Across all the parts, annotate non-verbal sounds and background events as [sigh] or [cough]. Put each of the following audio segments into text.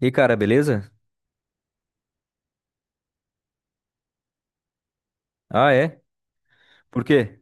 E cara, beleza? Ah, é? Por quê?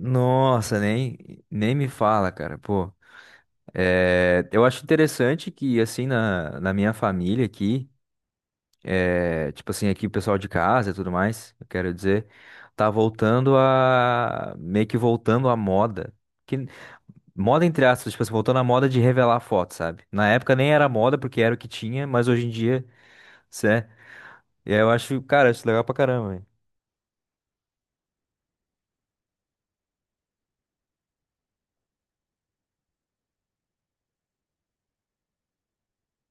Nossa, nem me fala, cara. Pô, é, eu acho interessante que, assim, na minha família aqui, é, tipo assim, aqui o pessoal de casa e tudo mais, eu quero dizer, tá voltando meio que voltando à moda. Que, Moda entre aspas, tipo assim, voltando à moda de revelar foto, sabe? Na época nem era moda porque era o que tinha, mas hoje em dia, cê, é, eu acho, cara, eu acho legal pra caramba, velho.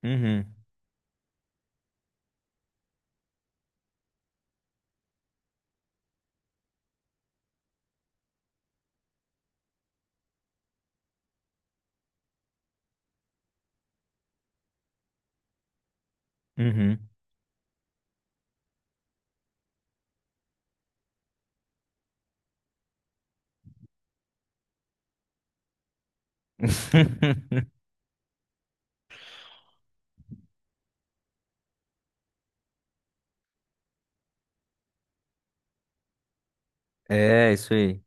Uhum, uhum. [laughs] É, isso aí.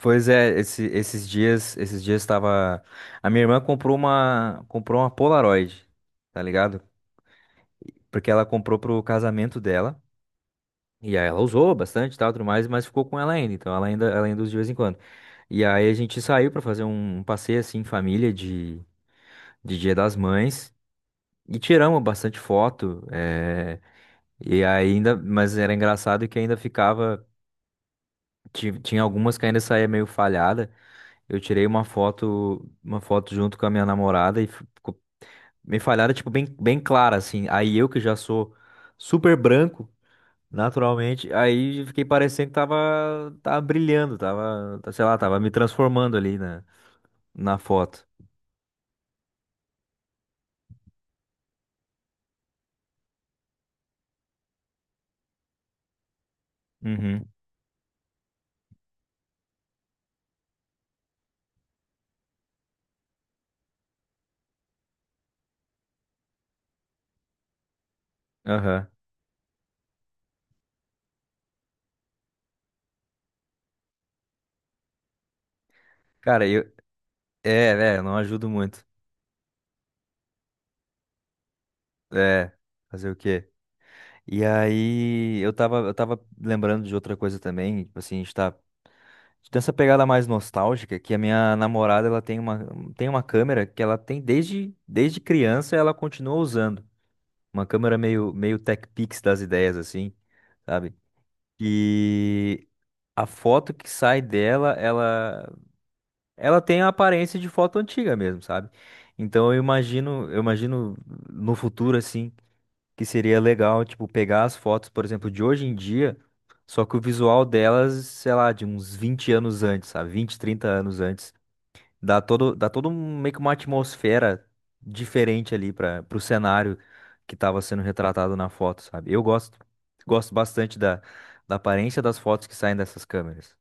Pois é, esses dias tava. A minha irmã comprou uma Polaroid, tá ligado? Porque ela comprou pro casamento dela. E aí ela usou bastante, e tal, tudo mais, mas ficou com ela ainda. Então ela ainda usa de vez em quando. E aí a gente saiu pra fazer um passeio assim em família de, Dia das Mães e tiramos bastante foto. E ainda, mas era engraçado que ainda ficava, tinha algumas que ainda saía meio falhada. Eu tirei uma foto junto com a minha namorada e me falharam, tipo, bem, bem clara, assim. Aí eu que já sou super branco, naturalmente, aí fiquei parecendo que tava brilhando, tava, sei lá, tava me transformando ali na foto. Uhum, aham. Cara, é, não ajudo muito. É, fazer o quê? E aí, eu tava lembrando de outra coisa também, tipo assim, a gente tá dessa pegada mais nostálgica, que a minha namorada ela tem uma câmera que ela tem desde criança e ela continua usando. Uma câmera meio Tech Pix das ideias, assim, sabe? E a foto que sai dela, ela tem a aparência de foto antiga mesmo, sabe? Então eu imagino no futuro, assim, que seria legal, tipo, pegar as fotos, por exemplo, de hoje em dia. Só que o visual delas, sei lá, de uns 20 anos antes, sabe? 20, 30 anos antes. Meio que uma atmosfera diferente ali para pro cenário que estava sendo retratado na foto, sabe? Eu gosto bastante da aparência das fotos que saem dessas câmeras.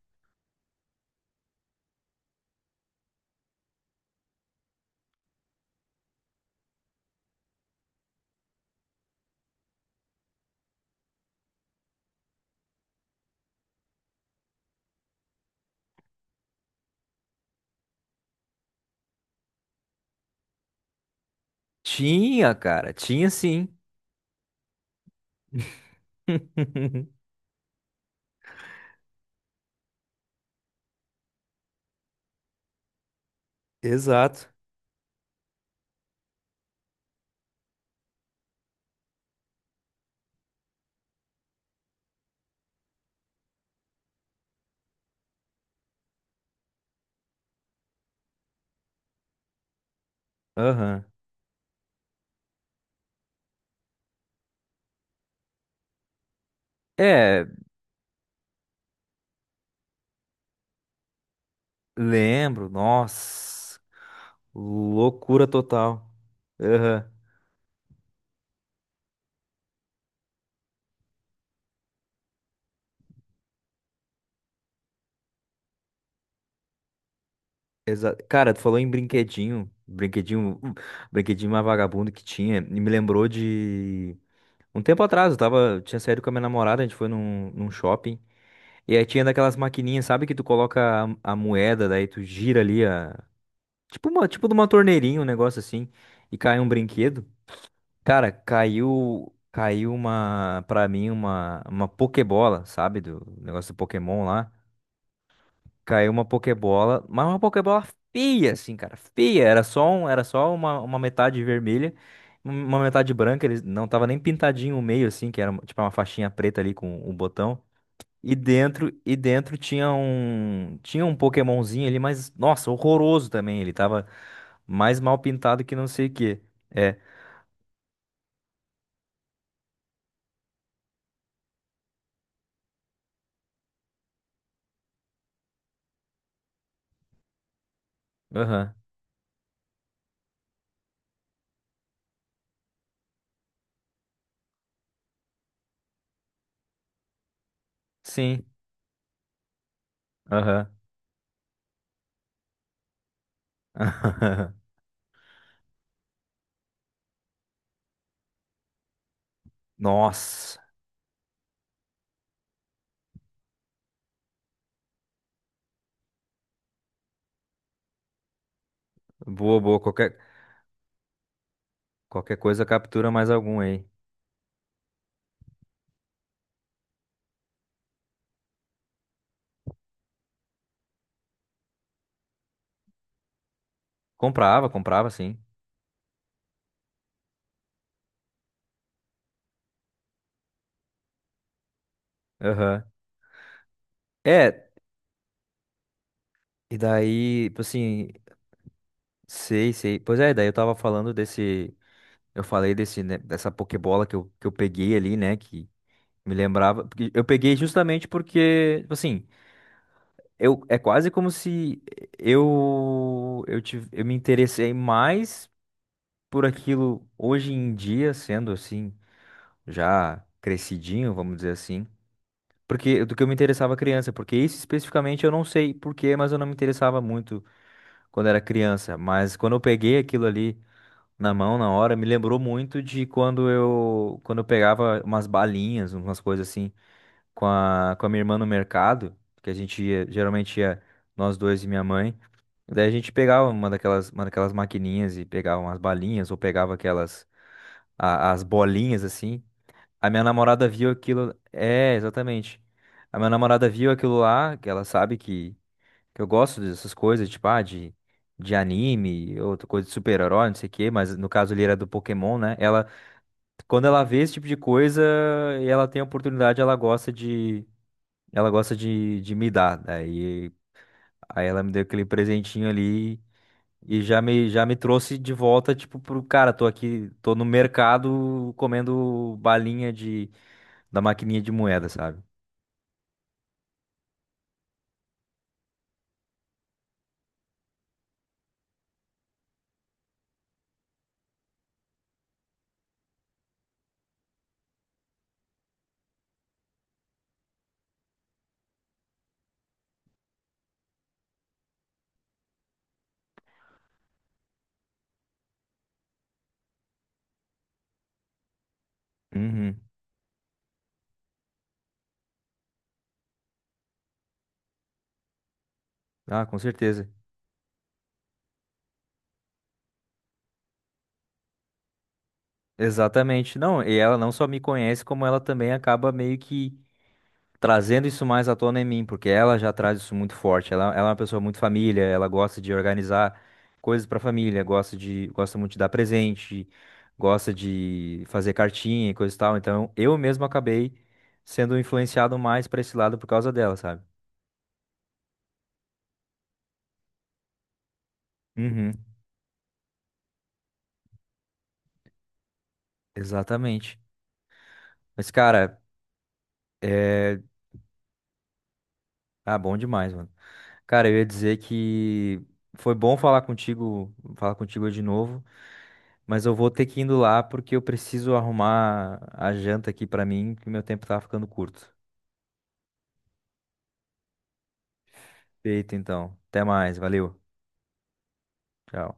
Tinha, cara, tinha sim. [laughs] Exato. Aham. É, lembro, nossa, loucura total. Aham. Cara, tu falou em brinquedinho mais vagabundo que tinha, e me lembrou de um tempo atrás, eu tava, tinha saído com a minha namorada, a gente foi num shopping. E aí tinha daquelas maquininhas, sabe, que tu coloca a moeda, daí tu gira ali a. Tipo uma, tipo de uma torneirinha, um negócio assim, e cai um brinquedo. Cara, caiu. Caiu uma, pra mim, uma Pokébola, sabe? Do negócio do Pokémon lá. Caiu uma Pokébola, mas uma Pokébola feia, assim, cara, feia. Era só um, era só uma metade vermelha, uma metade branca. Ele não tava nem pintadinho o meio, assim, que era tipo uma faixinha preta ali com um botão. E dentro tinha um, Pokémonzinho ali, mas nossa, horroroso também. Ele tava mais mal pintado que não sei o quê. É, aham, sim, aham. [laughs] Nossa, boa, boa. Qualquer, qualquer coisa captura mais algum aí. Comprava, comprava, sim. Aham. É, e daí, tipo assim, sei, sei. Pois é, daí eu tava falando desse. Eu falei desse, né, dessa Pokébola que eu peguei ali, né? Que me lembrava. Porque eu peguei justamente porque, tipo assim, eu, é quase como se eu me interessei mais por aquilo hoje em dia, sendo assim, já crescidinho, vamos dizer assim. Porque do que eu me interessava criança, porque isso especificamente eu não sei porquê, mas eu não me interessava muito quando era criança, mas quando eu peguei aquilo ali na mão na hora, me lembrou muito de quando eu pegava umas balinhas, umas coisas assim, com a minha irmã no mercado, que a gente ia, geralmente ia nós dois e minha mãe. Daí a gente pegava uma daquelas maquininhas e pegava umas balinhas ou pegava aquelas as bolinhas assim. A minha namorada viu aquilo, é, exatamente. A minha namorada viu aquilo lá, que ela sabe que eu gosto dessas coisas, tipo, ah, de anime, outra coisa de super-herói, não sei o quê, mas no caso ali era do Pokémon, né? Ela, quando ela vê esse tipo de coisa e ela tem a oportunidade, ela gosta de me dar. Daí, aí ela me deu aquele presentinho ali e já me trouxe de volta, tipo, pro cara, tô aqui, tô no mercado comendo balinha da maquininha de moeda, sabe? Uhum. Ah, com certeza. Exatamente. Não, e ela não só me conhece, como ela também acaba meio que trazendo isso mais à tona em mim, porque ela já traz isso muito forte. Ela é uma pessoa muito família, ela gosta de organizar coisas para família, gosta muito de dar presente, gosta de fazer cartinha e coisa e tal. Então, eu mesmo acabei sendo influenciado mais para esse lado por causa dela, sabe? Uhum, exatamente. Mas, cara, é. Ah, bom demais, mano. Cara, eu ia dizer que foi bom falar contigo de novo, mas eu vou ter que ir indo lá porque eu preciso arrumar a janta aqui pra mim, que meu tempo tá ficando curto. Feito então. Até mais, valeu. Tchau.